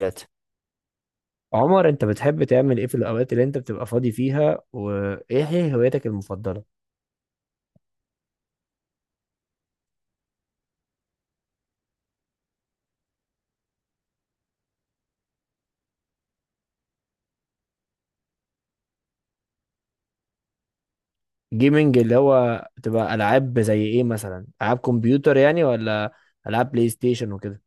ثلاثة. عمر، انت بتحب تعمل ايه في الاوقات اللي انت بتبقى فاضي فيها، وايه هي هوايتك المفضلة؟ جيمنج اللي هو بتبقى العاب زي ايه مثلا؟ العاب كمبيوتر يعني، ولا العاب بلاي ستيشن وكده؟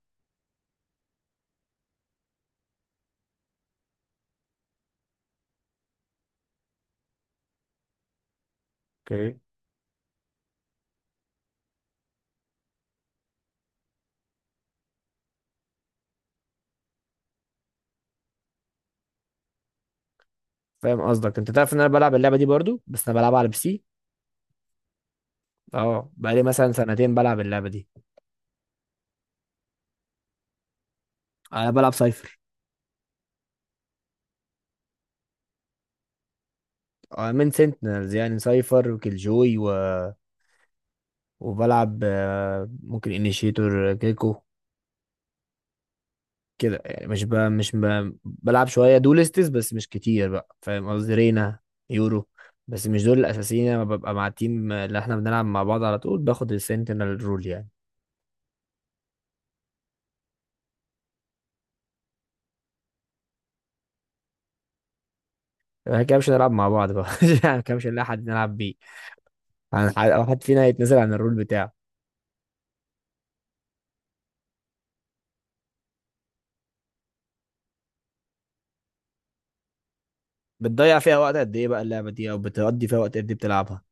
اوكي. فاهم قصدك. انت تعرف ان انا بلعب اللعبة دي برضو، بس انا بلعبها على بي سي. اه، بقالي مثلا سنتين بلعب اللعبة دي. انا بلعب سايفر. اه، من سنتينلز يعني سايفر وكيلجوي وبلعب ممكن انيشيتور كيكو كده يعني. مش ب... مش ب... بلعب شويه دولستس بس مش كتير بقى، فاهم قصدي؟ رينا، يورو، بس مش دول الاساسيين. انا ببقى مع التيم اللي احنا بنلعب مع بعض على طول، باخد السنتينل رول يعني. احنا كده مش هنلعب مع بعض بقى. يعني كده مش هنلاقي حد نلعب بيه. او حد فينا هيتنزل عن الرول بتاعه. بتضيع فيها وقت قد ايه بقى اللعبه دي، او بتقضي فيها وقت قد ايه بتلعبها؟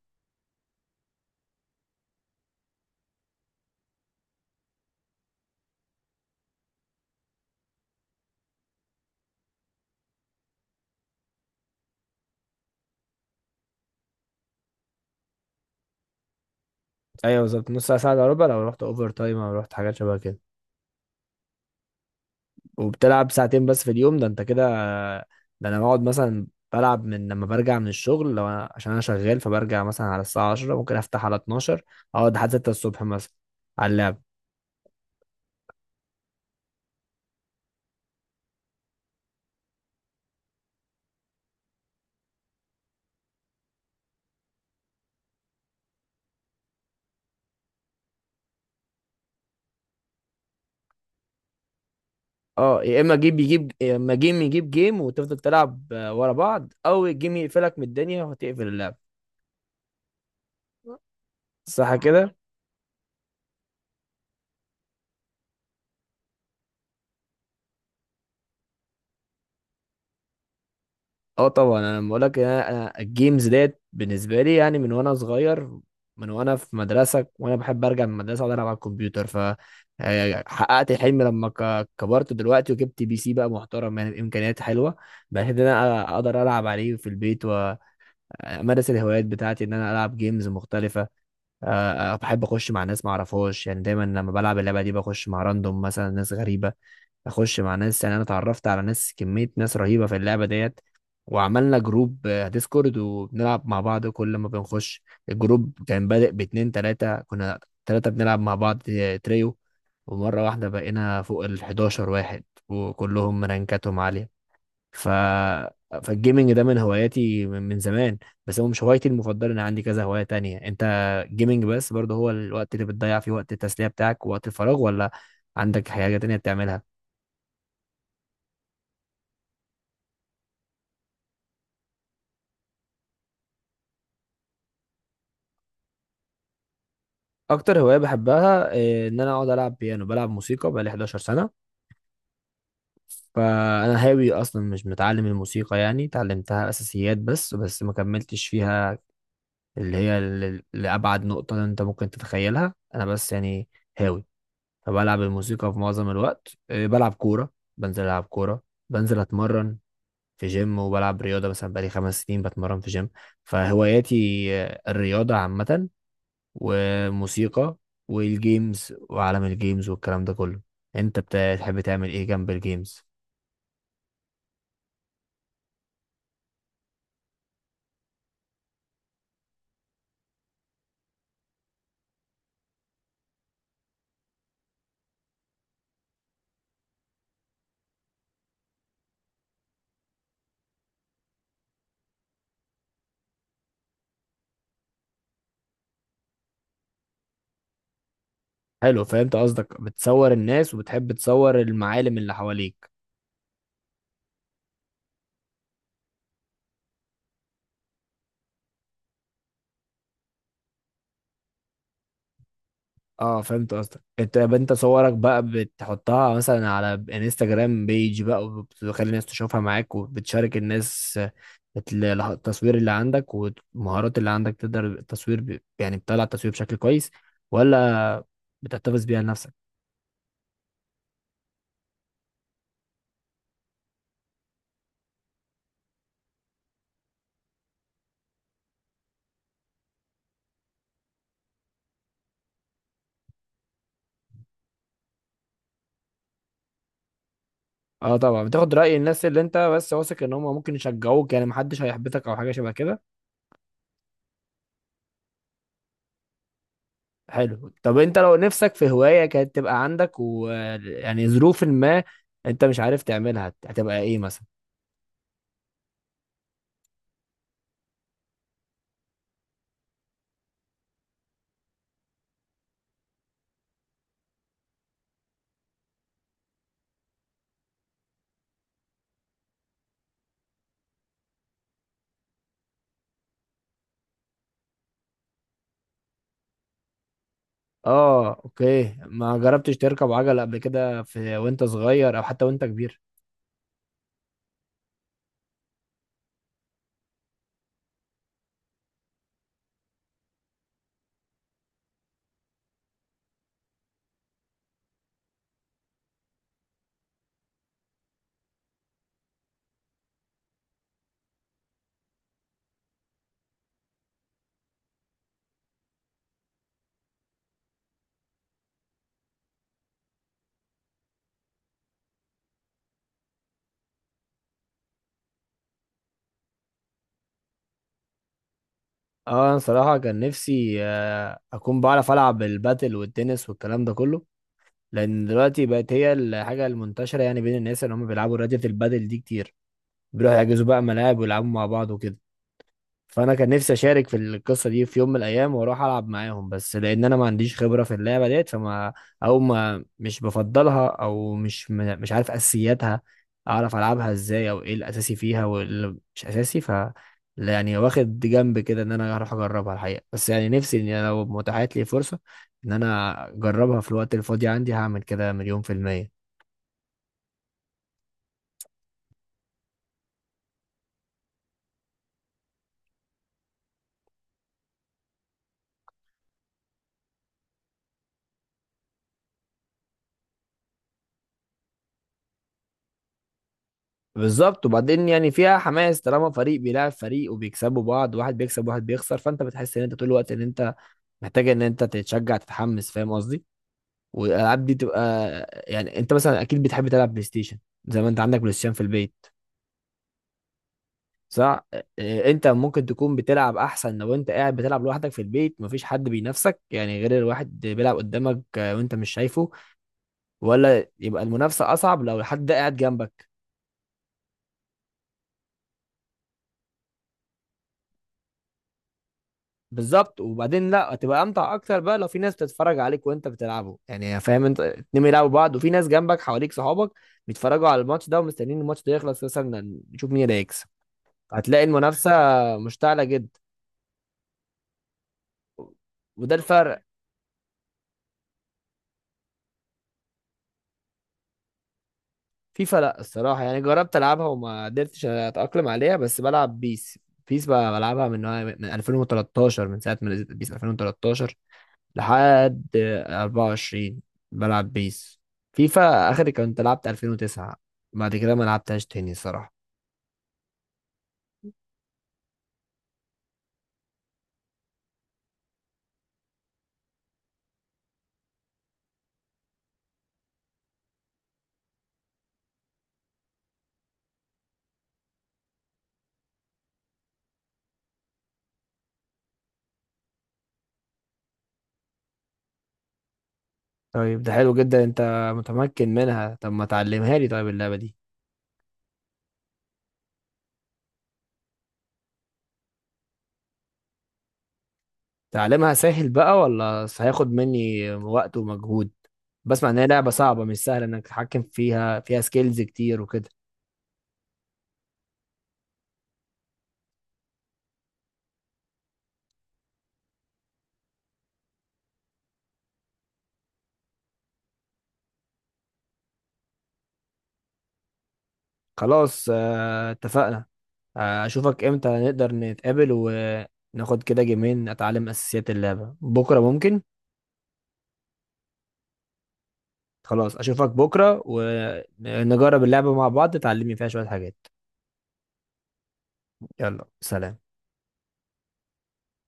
ايوه، بالظبط. نص ساعه ساعه الا ربع لو رحت اوفر تايم او رحت حاجات شبه كده. وبتلعب ساعتين بس في اليوم، ده انت كده؟ ده انا بقعد مثلا بلعب من لما برجع من الشغل، لو انا عشان انا شغال، فبرجع مثلا على الساعة 10، ممكن افتح على 12، اقعد لحد 6 الصبح مثلا على اللعب. اه، يا اما جيب يجيب، يا اما جيم يجيب جيم، وتفضل تلعب ورا بعض، او الجيم يقفلك من الدنيا وتقفل اللعب. صح كده. اه طبعا، انا بقول لك، انا الجيمز ديت بالنسبه لي يعني من وانا صغير، من وانا في مدرسه وانا بحب ارجع من المدرسه اقعد العب على الكمبيوتر. ف آه، حققت الحلم لما كبرت دلوقتي، وجبت بي سي بقى محترم يعني بامكانيات حلوه، بحيث ان انا اقدر العب عليه في البيت وامارس الهوايات بتاعتي، ان انا العب جيمز مختلفه. بحب اخش مع ناس ما اعرفهاش، يعني دايما لما بلعب اللعبه دي بخش مع راندوم مثلا، ناس غريبه، اخش مع ناس. يعني انا اتعرفت على ناس، كميه ناس رهيبه في اللعبه ديت، وعملنا جروب ديسكورد، وبنلعب مع بعض كل ما بنخش. الجروب كان بادئ باتنين تلاته كنا، تلاته بنلعب مع بعض تريو، ومره واحده بقينا فوق ال 11 واحد وكلهم رانكاتهم عاليه. ف فالجيمنج ده من هواياتي من زمان، بس هو مش هوايتي المفضله. انا عندي كذا هوايه تانية. انت جيمنج بس برضه هو الوقت اللي بتضيع فيه، وقت التسليه بتاعك ووقت الفراغ، ولا عندك حاجه تانية بتعملها؟ اكتر هوايه بحبها ان انا اقعد العب بيانو. بلعب موسيقى بقالي 11 سنه، فانا هاوي اصلا، مش متعلم الموسيقى. يعني اتعلمتها اساسيات بس ما كملتش فيها، اللي هي لابعد نقطه انت ممكن تتخيلها. انا بس يعني هاوي، فبلعب الموسيقى في معظم الوقت. بلعب كورة، بنزل ألعب كورة، بنزل أتمرن في جيم، وبلعب رياضة. مثلا بقالي خمس سنين بتمرن في جيم. فهواياتي الرياضة عامة، وموسيقى، والجيمز وعالم الجيمز والكلام ده كله. انت بتحب تعمل ايه جنب الجيمز؟ حلو. فهمت قصدك، بتصور الناس وبتحب تصور المعالم اللي حواليك. اه، فهمت قصدك. انت يبقى انت صورك بقى بتحطها مثلا على انستجرام بيج بقى، وبتخلي الناس تشوفها معاك، وبتشارك الناس التصوير اللي عندك والمهارات اللي عندك، تقدر التصوير يعني بتطلع التصوير بشكل كويس، ولا بتحتفظ بيها لنفسك؟ اه طبعا، بتاخد رأي الناس اللي انت بس واثق ان هم ممكن يشجعوك، يعني محدش هيحبطك او حاجة شبه كده. حلو. طب انت لو نفسك في هواية كانت تبقى عندك، ويعني ظروف ما، انت مش عارف تعملها، هتبقى ايه مثلا؟ اه اوكي، ما جربتش تركب عجلة قبل كده في وانت صغير، او حتى وانت كبير؟ اه، انا صراحة كان نفسي اكون بعرف العب الباتل والتنس والكلام ده كله، لان دلوقتي بقت هي الحاجة المنتشرة يعني بين الناس، اللي هم بيلعبوا رياضة البادل دي كتير، بيروحوا يحجزوا بقى ملاعب ويلعبوا مع بعض وكده. فانا كان نفسي اشارك في القصه دي في يوم من الايام، واروح العب معاهم، بس لان انا ما عنديش خبره في اللعبه ديت، فما او ما، مش بفضلها، او مش عارف اساسياتها، اعرف العبها ازاي، او ايه الاساسي فيها واللي مش اساسي. ف لا يعني، واخد جنب كده ان انا هروح اجربها الحقيقه، بس يعني نفسي ان أنا لو متاحت لي فرصه ان انا اجربها في الوقت الفاضي عندي، هعمل كده مليون في الميه. بالظبط. وبعدين يعني فيها حماس، طالما فريق بيلعب فريق وبيكسبوا بعض، واحد بيكسب واحد بيخسر، فانت بتحس ان انت طول الوقت ان انت محتاجه ان انت تتشجع تتحمس، فاهم قصدي؟ والالعاب دي تبقى يعني. انت مثلا اكيد بتحب تلعب بلاي ستيشن، زي ما انت عندك بلاي ستيشن في البيت، صح؟ انت ممكن تكون بتلعب احسن لو انت قاعد بتلعب لوحدك في البيت، مفيش حد بينافسك، يعني غير الواحد بيلعب قدامك وانت مش شايفه، ولا يبقى المنافسه اصعب لو حد قاعد جنبك؟ بالظبط. وبعدين لا، هتبقى امتع اكتر بقى لو في ناس بتتفرج عليك وانت بتلعبه، يعني فاهم، انت اتنين بيلعبوا بعض وفي ناس جنبك حواليك، صحابك بيتفرجوا على الماتش ده، ومستنيين الماتش ده يخلص مثلا نشوف مين اللي هيكسب، هتلاقي المنافسه مشتعله جدا. وده الفرق. فيفا لا الصراحه، يعني جربت العبها وما قدرتش اتاقلم عليها، بس بلعب بيس. بيس بقى بلعبها من 2013، من ساعه ما نزلت بيس 2013 لحد 24، بلعب بيس. فيفا آخر كنت لعبت 2009، بعد كده ما لعبتهاش تاني الصراحة. طيب ده حلو جدا، انت متمكن منها. طب ما تعلمها لي طيب اللعبة دي. تعلمها سهل بقى، ولا هياخد مني وقت ومجهود؟ بسمع ان هي لعبة صعبة، مش سهلة انك تتحكم فيها، فيها سكيلز كتير وكده. خلاص اتفقنا. اشوفك امتى نقدر نتقابل، وناخد كده جيمين اتعلم اساسيات اللعبة. بكرة ممكن؟ خلاص اشوفك بكرة، ونجرب اللعبة مع بعض، تعلمني فيها شوية حاجات. يلا سلام.